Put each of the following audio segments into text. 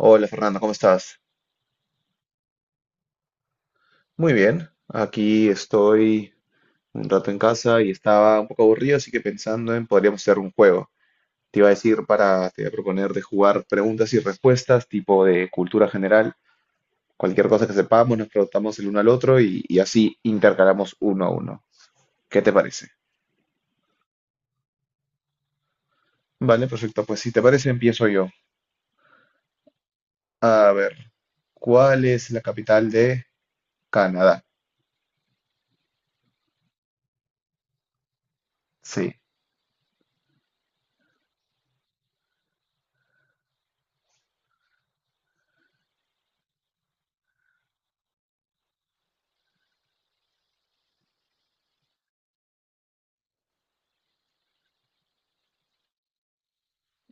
Hola Fernando, ¿cómo estás? Muy bien, aquí estoy un rato en casa y estaba un poco aburrido, así que pensando en podríamos hacer un juego. Te iba a decir te iba a proponer de jugar preguntas y respuestas, tipo de cultura general, cualquier cosa que sepamos, nos preguntamos el uno al otro y así intercalamos uno a uno. ¿Qué te parece? Vale, perfecto, pues si te parece empiezo yo. A ver, ¿cuál es la capital de Canadá? Sí,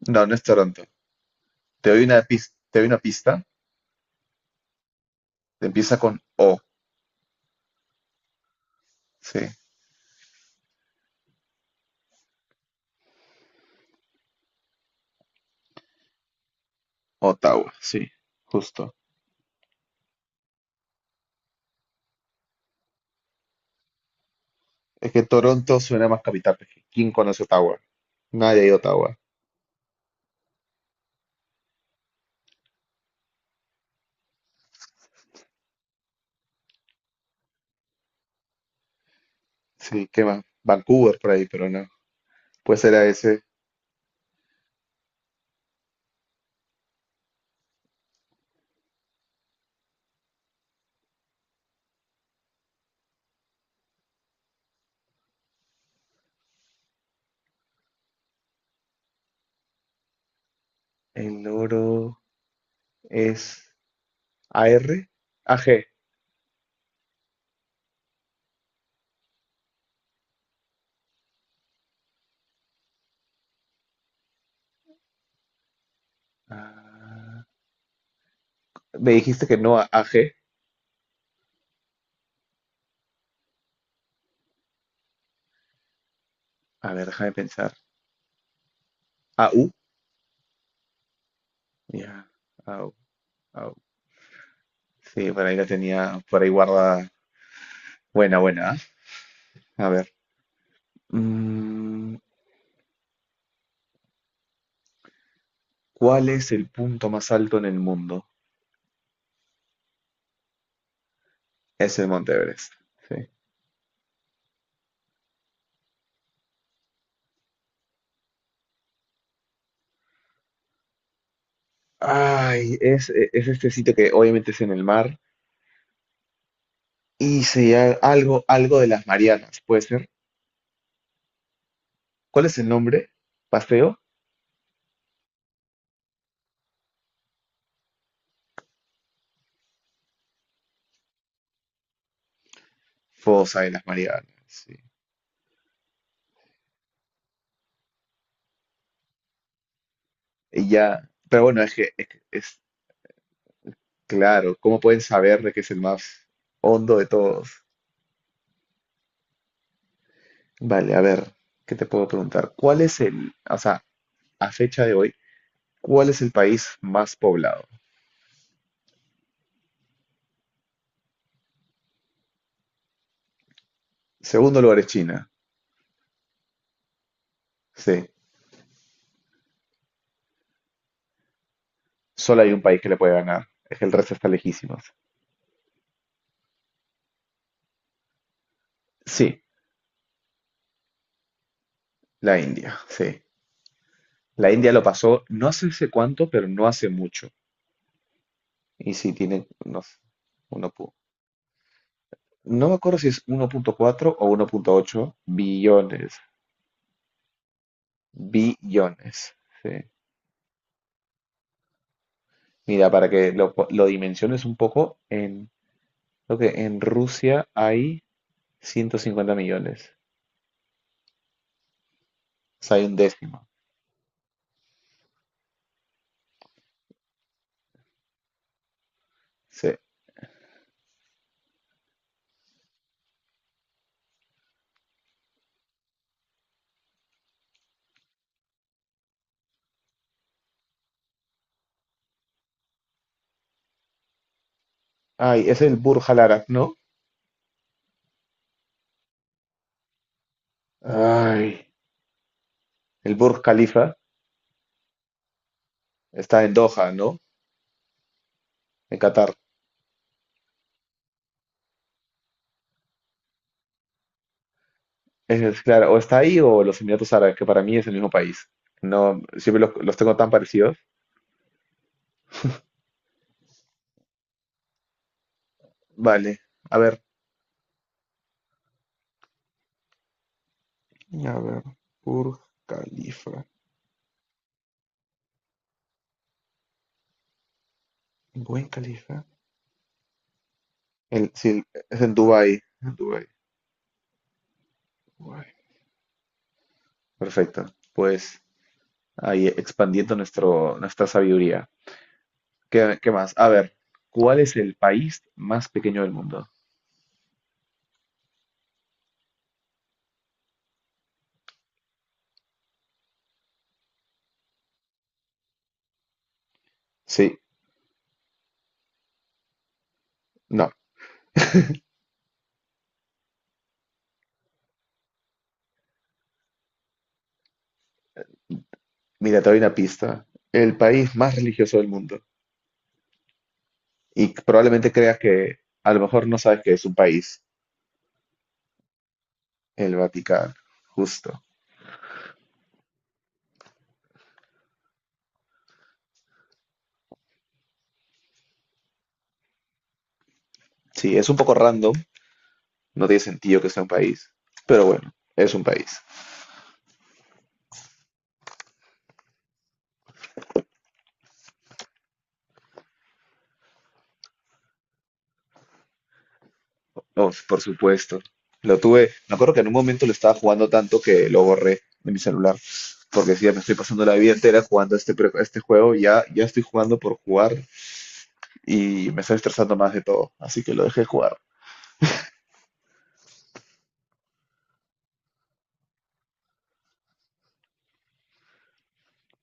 no, no es Toronto. Te doy una pista, te doy una pista, empieza con O. Sí, Ottawa, sí, justo. Es que Toronto suena más capital, porque ¿quién conoce Ottawa? Nadie de Ottawa. Sí, ¿qué más? Vancouver por ahí, pero no. Pues era ese. El oro es A AR, AG. Ah, me dijiste que no a AG. A ver, déjame pensar. AU. Ya, AU, AU. Sí, por ahí la tenía, por ahí guarda. Buena, buena. ¿Ah? A ver. Mm, ¿Cuál es el punto más alto en el mundo? Es el Monte Everest. Sí. Ay, es este sitio que obviamente es en el mar y se llama algo, algo de las Marianas, puede ser. ¿Cuál es el nombre? Paseo, fosa de las Marianas. Sí. Y ya, pero bueno, es claro, ¿cómo pueden saber de que es el más hondo de todos? Vale, a ver, ¿qué te puedo preguntar? ¿Cuál es o sea, a fecha de hoy, cuál es el país más poblado? Segundo lugar es China. Sí, solo hay un país que le puede ganar, es que el resto está lejísimos. Sí, sí. La India lo pasó, no hace sé cuánto, pero no hace mucho. Y sí, tiene, no sé, uno pu- no me acuerdo si es 1.4 o 1.8 billones. Billones, sí. Mira, para que lo dimensiones un poco, creo que en Rusia hay 150 millones. O sea, hay un décimo. Sí. Ay, es el Burj Al Arab, ¿no? Ay, el Burj Khalifa está en Doha, ¿no? En Qatar. Claro, o está ahí o los Emiratos Árabes, que para mí es el mismo país. No, siempre los tengo tan parecidos. Vale, a ver, A ver, Burj Khalifa. Buen Khalifa. Sí, es en Dubái, en Dubái. Guay. Perfecto, pues ahí expandiendo nuestra sabiduría. ¿Qué más? A ver, ¿cuál es el país más pequeño del mundo? Sí, no, mira, te doy una pista. El país más religioso del mundo, y probablemente creas que a lo mejor no sabes que es un país, el Vaticano, justo. Sí, es un poco random, no tiene sentido que sea un país, pero bueno, es un país. Oh, por supuesto. Lo tuve, me acuerdo que en un momento lo estaba jugando tanto que lo borré de mi celular, porque si ya me estoy pasando la vida entera jugando este juego, ya, ya estoy jugando por jugar y me estoy estresando más de todo, así que lo dejé jugar.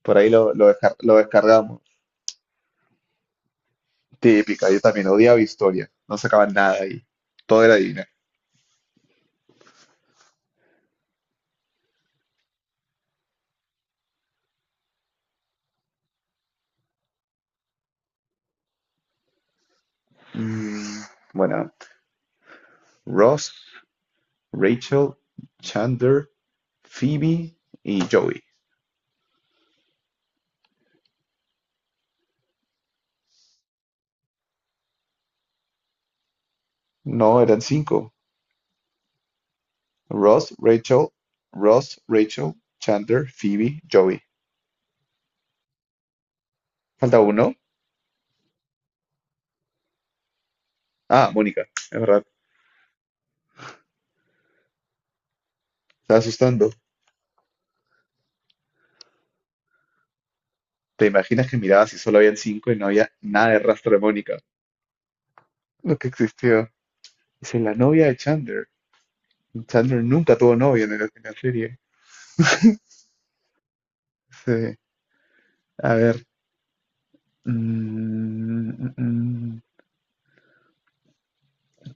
Por ahí lo descargamos. Típica, yo también odiaba historia, no sacaban nada ahí, todo era divina. Mm, bueno, Ross, Rachel, Chandler, Phoebe y Joey. No, eran cinco. Ross, Rachel, Ross, Rachel, Chandler, Phoebe, Joey. ¿Falta uno? Ah, Mónica, es verdad, estaba asustando. ¿Te imaginas que mirabas y solo habían cinco y no había nada de rastro de Mónica? Lo que existió. Dice, la novia de Chandler. Chandler nunca tuvo novia en la serie. Dice, a ver. Mm, mm, mm.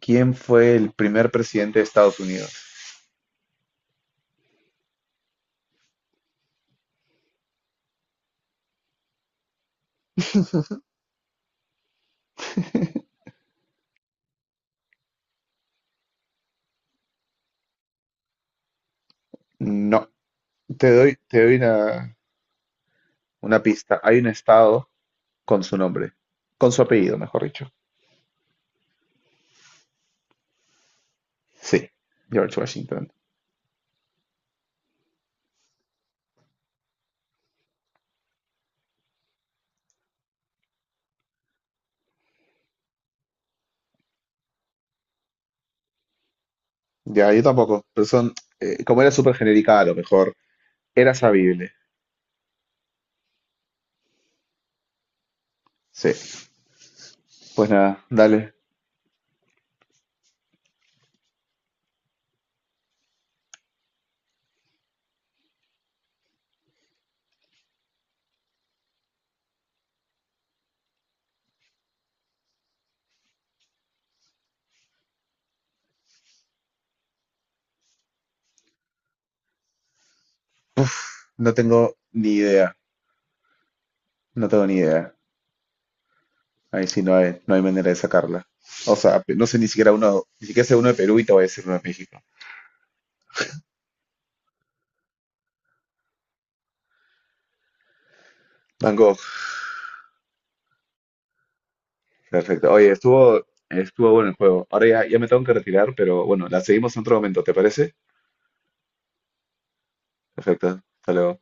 ¿Quién fue el primer presidente de Estados Unidos? No, te doy una pista. Hay un estado con su nombre, con su apellido, mejor dicho. Sí, George Washington. Ya, yo tampoco, pero son, como era súper genérica, a lo mejor era sabible. Sí, pues nada, dale. No tengo ni idea, no tengo ni idea. Ahí sí no hay, no hay manera de sacarla. O sea, no sé ni siquiera uno, ni siquiera sé uno de Perú y te voy a decir uno de México. Van Gogh. Perfecto. Oye, estuvo bueno el juego. Ahora ya, ya me tengo que retirar, pero bueno, la seguimos en otro momento, ¿te parece? Perfecto. Hasta luego.